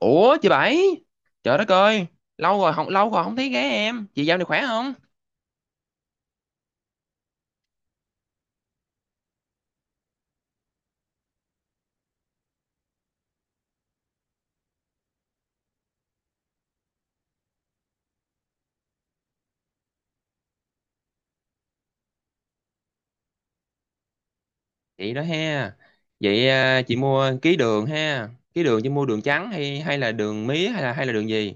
Ủa chị Bảy. Trời đất ơi. Lâu rồi không thấy ghé em. Chị dạo này khỏe không? Vậy đó ha. Vậy chị mua ký đường ha. Ký đường chị mua đường trắng hay hay là đường mía hay là đường gì?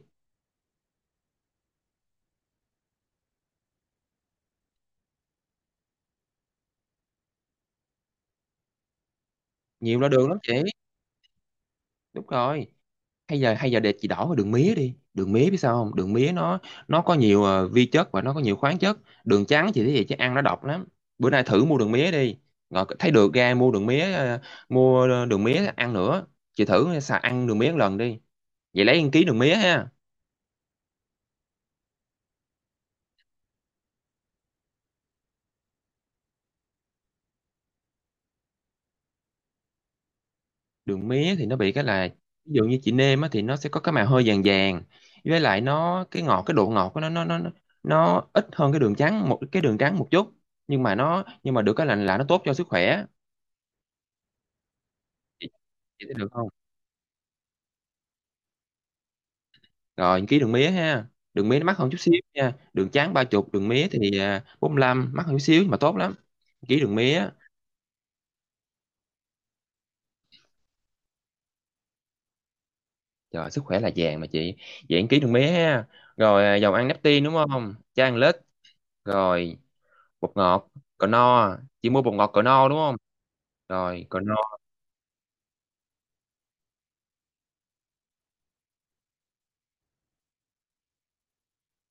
Nhiều loại đường lắm chị. Đúng rồi. Hay giờ để chị đổi qua đường mía đi. Đường mía biết sao không? Đường mía nó có nhiều vi chất và nó có nhiều khoáng chất. Đường trắng chị thấy vậy chứ ăn nó độc lắm. Bữa nay thử mua đường mía đi. Rồi thấy được ra mua đường mía Mua đường mía ăn nữa. Chị thử xài ăn đường mía một lần đi. Vậy lấy ăn ký đường mía ha. Đường mía thì nó bị cái là, ví dụ như chị nêm á thì nó sẽ có cái màu hơi vàng vàng. Với lại nó cái ngọt, cái độ ngọt của nó nó ít hơn cái đường trắng một chút. Nhưng mà được cái là nó tốt cho sức khỏe. Chị chị thấy được không? Rồi ký đường mía ha. Đường mía nó mắc hơn chút xíu nha, đường trắng 30, đường mía thì 45, mắc hơn chút xíu nhưng mà tốt lắm. Ký đường mía. Trời, sức khỏe là vàng mà chị. Vậy ăn ký đường mía ha. Rồi dầu ăn nếp tin đúng không chan lết. Rồi bột ngọt cỡ no chỉ. Mua bột ngọt cỡ no đúng không? Rồi cỡ no.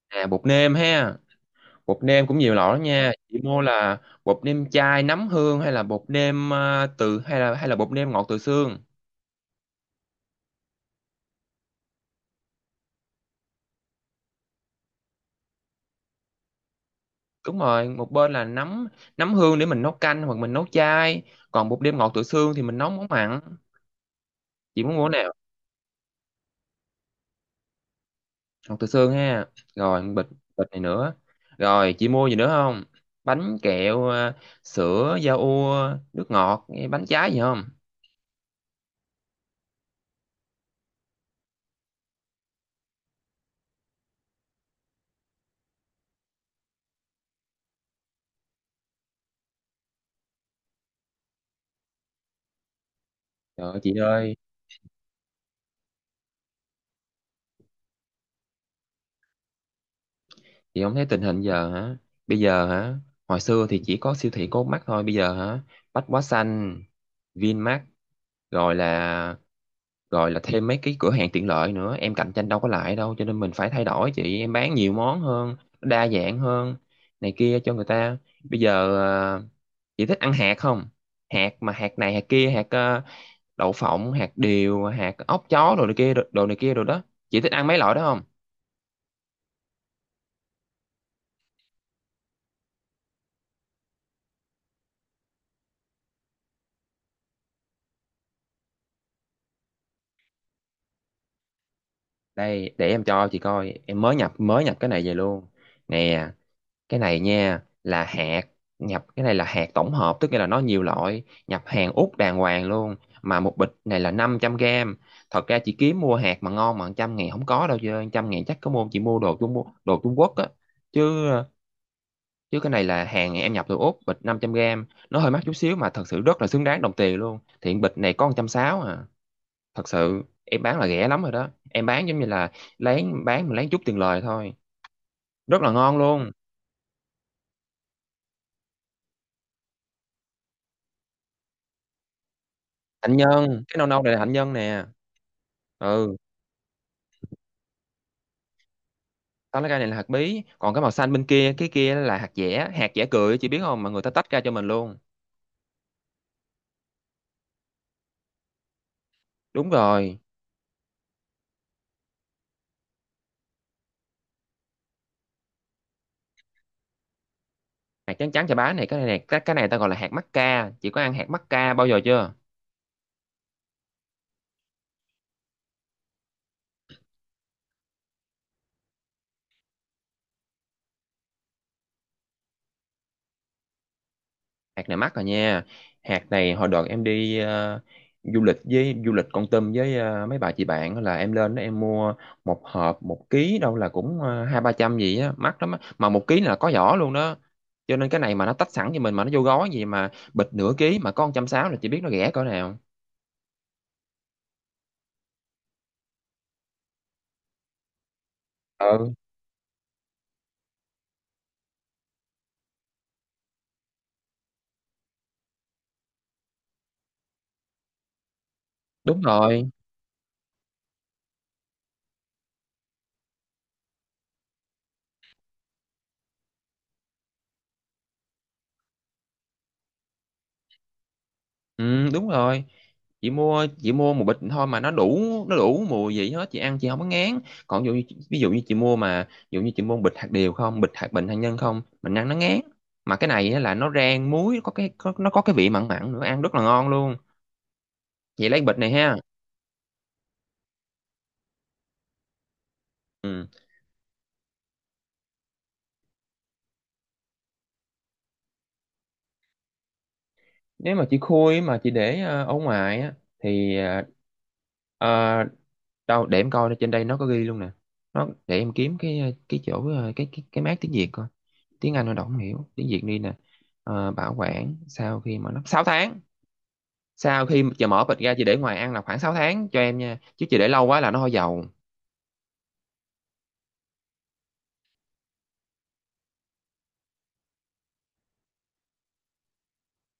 À, bột nêm ha. Bột nêm cũng nhiều loại lắm nha chị, mua là bột nêm chai nấm hương hay là bột nêm à, từ hay là bột nêm ngọt từ xương? Đúng rồi, một bên là nấm nấm hương để mình nấu canh hoặc mình nấu chai. Còn bột nêm ngọt từ xương thì mình nấu món mặn. Chị muốn mua cái nào? Ngọt từ xương ha. Rồi bịch, bịch này nữa. Rồi chị mua gì nữa không? Bánh kẹo sữa da ua, nước ngọt bánh trái gì không? Trời ơi, chị không thấy tình hình giờ hả? Bây giờ hả? Hồi xưa thì chỉ có siêu thị có mắt thôi, bây giờ hả? Bách Hóa Xanh, Vinmart, rồi là rồi là thêm mấy cái cửa hàng tiện lợi nữa, em cạnh tranh đâu có lại đâu, cho nên mình phải thay đổi chị, em bán nhiều món hơn, đa dạng hơn này kia cho người ta. Bây giờ à, chị thích ăn hạt không? Hạt mà hạt này hạt kia, hạt đậu phộng, hạt điều, hạt ốc chó đồ này kia, đồ đồ này kia đồ đó. Chị thích ăn mấy loại đó không? Đây để em cho chị coi, em mới nhập cái này về luôn. Nè, cái này nha là hạt, nhập cái này là hạt tổng hợp, tức nghĩa là nó nhiều loại, nhập hàng Úc đàng hoàng luôn. Mà một bịch này là 500 gram. Thật ra chị kiếm mua hạt mà ngon mà trăm ngàn không có đâu, chứ trăm ngàn chắc có mua chị mua đồ Trung, đồ Trung Quốc á. Chứ chứ cái này là hàng em nhập từ Úc, bịch 500 gram nó hơi mắc chút xíu mà thật sự rất là xứng đáng đồng tiền luôn. Thiện, bịch này có 160 à. Thật sự em bán là rẻ lắm rồi đó, em bán giống như là lén bán, mà lén chút tiền lời thôi, rất là ngon luôn. Hạnh nhân, cái nâu nâu này là hạnh nhân nè. Ừ, tao lấy cái này là hạt bí, còn cái màu xanh bên kia cái kia là hạt dẻ, hạt dẻ cười chị biết không mà người ta tách ra cho mình luôn. Đúng rồi. Hạt trắng trắng chà bá này, cái này ta gọi là hạt mắc ca, chị có ăn hạt mắc ca bao giờ chưa? Hạt này mắc rồi nha. Hạt này hồi đợt em đi du lịch với du lịch Kon Tum với mấy bà chị bạn á, là em lên đó em mua một hộp một ký đâu là cũng hai ba trăm gì á, mắc lắm á, mà một ký là có vỏ luôn đó. Cho nên cái này mà nó tách sẵn cho mình mà nó vô gói, gì mà bịch nửa ký mà có 160, là chị biết nó rẻ cỡ nào. Ừ đúng rồi. Ừ, đúng rồi. Chị mua một bịch thôi mà nó đủ, nó đủ mùi gì hết, chị ăn chị không có ngán. Còn ví dụ như chị mua mà ví dụ như chị mua bịch hạt điều không, bịch hạt bình hạt nhân không, mình ăn nó ngán. Mà cái này á là nó rang muối, nó có cái vị mặn mặn nữa ăn rất là ngon luôn. Chị lấy bịch này ha. Ừ. Nếu mà chị khui mà chị để ở ngoài á thì ờ, đâu để em coi, nó trên đây nó có ghi luôn nè. Nó để em kiếm cái chỗ cái mác tiếng Việt coi, tiếng Anh nó đâu không hiểu, tiếng Việt đi nè. Ờ, bảo quản sau khi mà nó 6 tháng, sau khi mà chờ mở bịch ra chị để ngoài ăn là khoảng 6 tháng cho em nha, chứ chị để lâu quá là nó hôi dầu.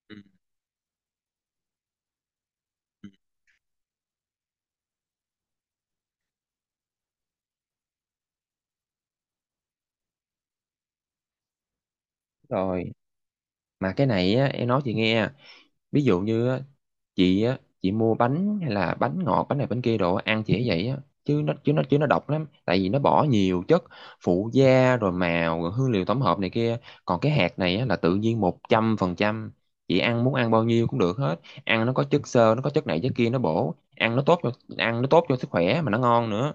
Ừ. Rồi mà cái này á, em nói chị nghe. Ví dụ như á chị mua bánh hay là bánh ngọt bánh này bánh kia đồ ăn chị ấy vậy á, chứ nó độc lắm tại vì nó bỏ nhiều chất phụ gia rồi màu rồi hương liệu tổng hợp này kia. Còn cái hạt này á, là tự nhiên 100%, chị ăn muốn ăn bao nhiêu cũng được hết, ăn nó có chất xơ nó có chất này chất kia nó bổ, ăn nó tốt cho sức khỏe mà nó ngon nữa.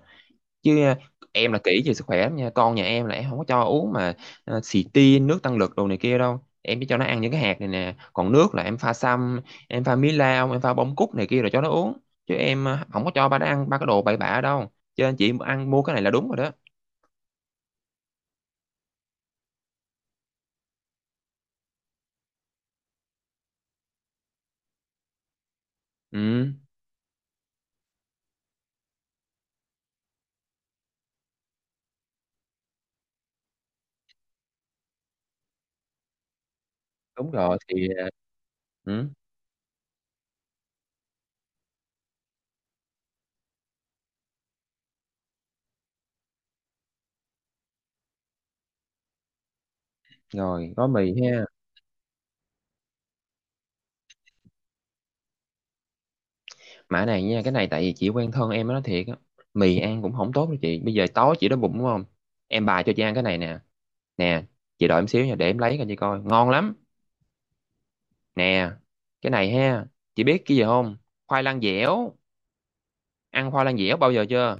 Chứ em là kỹ về sức khỏe lắm nha, con nhà em là em không có cho uống mà xì tin nước tăng lực đồ này kia đâu, em chỉ cho nó ăn những cái hạt này nè. Còn nước là em pha sâm, em pha mí lau, em pha bông cúc này kia rồi cho nó uống. Chứ em không có cho ba nó ăn ba cái đồ bậy bạ đâu, cho nên chị ăn mua cái này là đúng rồi đó. Ừ đúng rồi thì ừ, rồi gói mì ha. Mã này nha, cái này tại vì chị quen thân em nó thiệt á. Mì ăn cũng không tốt đâu chị. Bây giờ tối chị đói bụng đúng không? Em bà cho chị ăn cái này nè. Nè, chị đợi em xíu nha, để em lấy cho chị coi. Ngon lắm. Nè, cái này ha. Chị biết cái gì không? Khoai lang dẻo. Ăn khoai lang dẻo bao giờ chưa?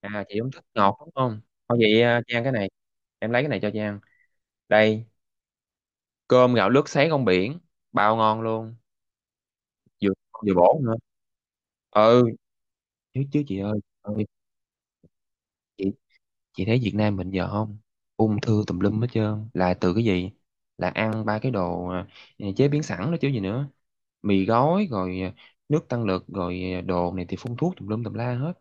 À, chị không thích ngọt đúng không? Thôi vậy chị ăn cái này. Em lấy cái này cho chị ăn. Đây, cơm gạo lứt sấy con biển. Bao ngon luôn. Vừa vừa bổ nữa. Ừ, chứ chứ chị ơi. Ừ, chị thấy Việt Nam mình giờ không? Ung thư tùm lum hết trơn. Là từ cái gì? Là ăn ba cái đồ chế biến sẵn đó chứ gì nữa, mì gói rồi nước tăng lực rồi đồ này thì phun thuốc tùm lum tùm la hết.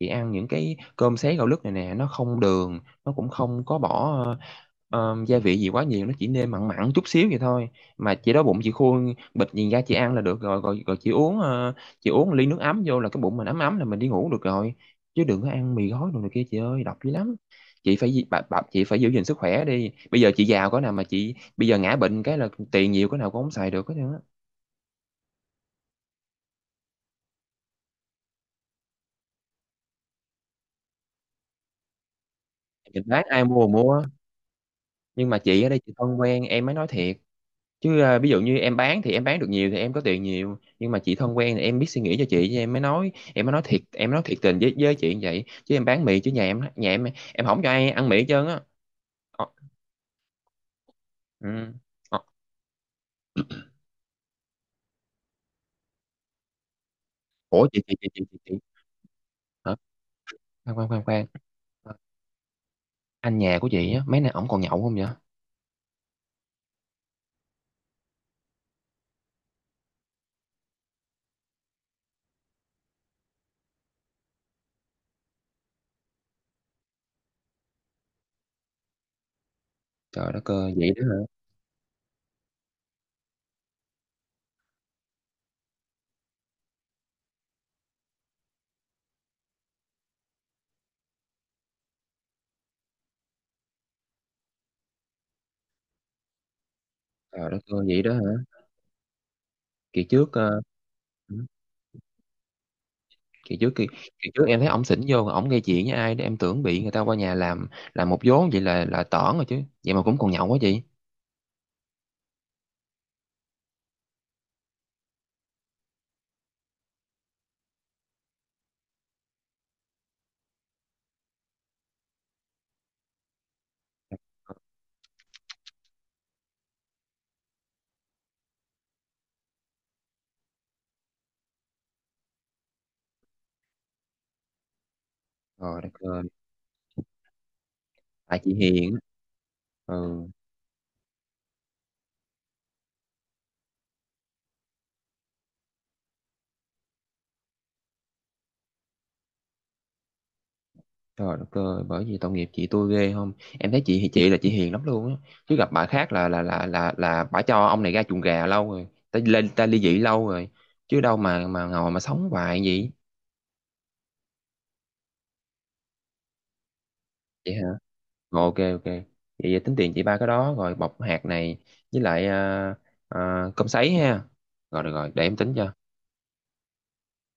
Chị ăn những cái cơm sấy gạo lứt này nè nó không đường, nó cũng không có bỏ gia vị gì quá nhiều, nó chỉ nêm mặn mặn chút xíu vậy thôi. Mà chị đói bụng chị khui bịch nhìn ra chị ăn là được rồi rồi, rồi chị uống chị uống ly nước ấm vô là cái bụng mình ấm ấm là mình đi ngủ được rồi. Chứ đừng có ăn mì gói đồ này kia chị ơi, độc dữ lắm. Chị phải di- bà, bà, chị phải giữ gìn sức khỏe đi, bây giờ chị giàu có nào mà chị bây giờ ngã bệnh cái là tiền nhiều có nào cũng không xài được hết trơn á. Mình bán ai mua mua. Nhưng mà chị ở đây chị thân quen em mới nói thiệt. Chứ ví dụ như em bán thì em bán được nhiều thì em có tiền nhiều, nhưng mà chị thân quen thì em biết suy nghĩ cho chị. Chứ em mới nói thiệt, em nói thiệt tình với chị như vậy. Chứ em bán mì chứ nhà em em không cho ai ăn mì hết trơn á. Ờ, ừ. Ờ, ủa chị chị. Hả? Khoan khoan khoan khoan. Ờ, anh nhà của chị á mấy nay ổng còn nhậu không vậy? Trời đất ơi, vậy đó hả? Trời đất ơi, vậy đó hả? Kỳ trước ừ. kỳ trước kỳ, kỳ trước em thấy ổng xỉn vô ổng gây chuyện với ai đó, em tưởng bị người ta qua nhà làm một vố vậy là tởn rồi, chứ vậy mà cũng còn nhậu quá chị. Trời đất ơi. Tại chị hiền á. Ừ. Trời đất ơi, bởi vì tội nghiệp chị tôi ghê không, em thấy chị thì chị là chị hiền lắm luôn á. Chứ gặp bà khác là là bà cho ông này ra chuồng gà lâu rồi, ta lên ta ly dị lâu rồi. Chứ đâu mà ngồi mà sống hoài vậy. Vậy. Rồi, ok ok vậy, vậy tính tiền chị ba cái đó rồi bọc hạt này với lại ờ, cơm sấy ha. Rồi được rồi để em tính cho.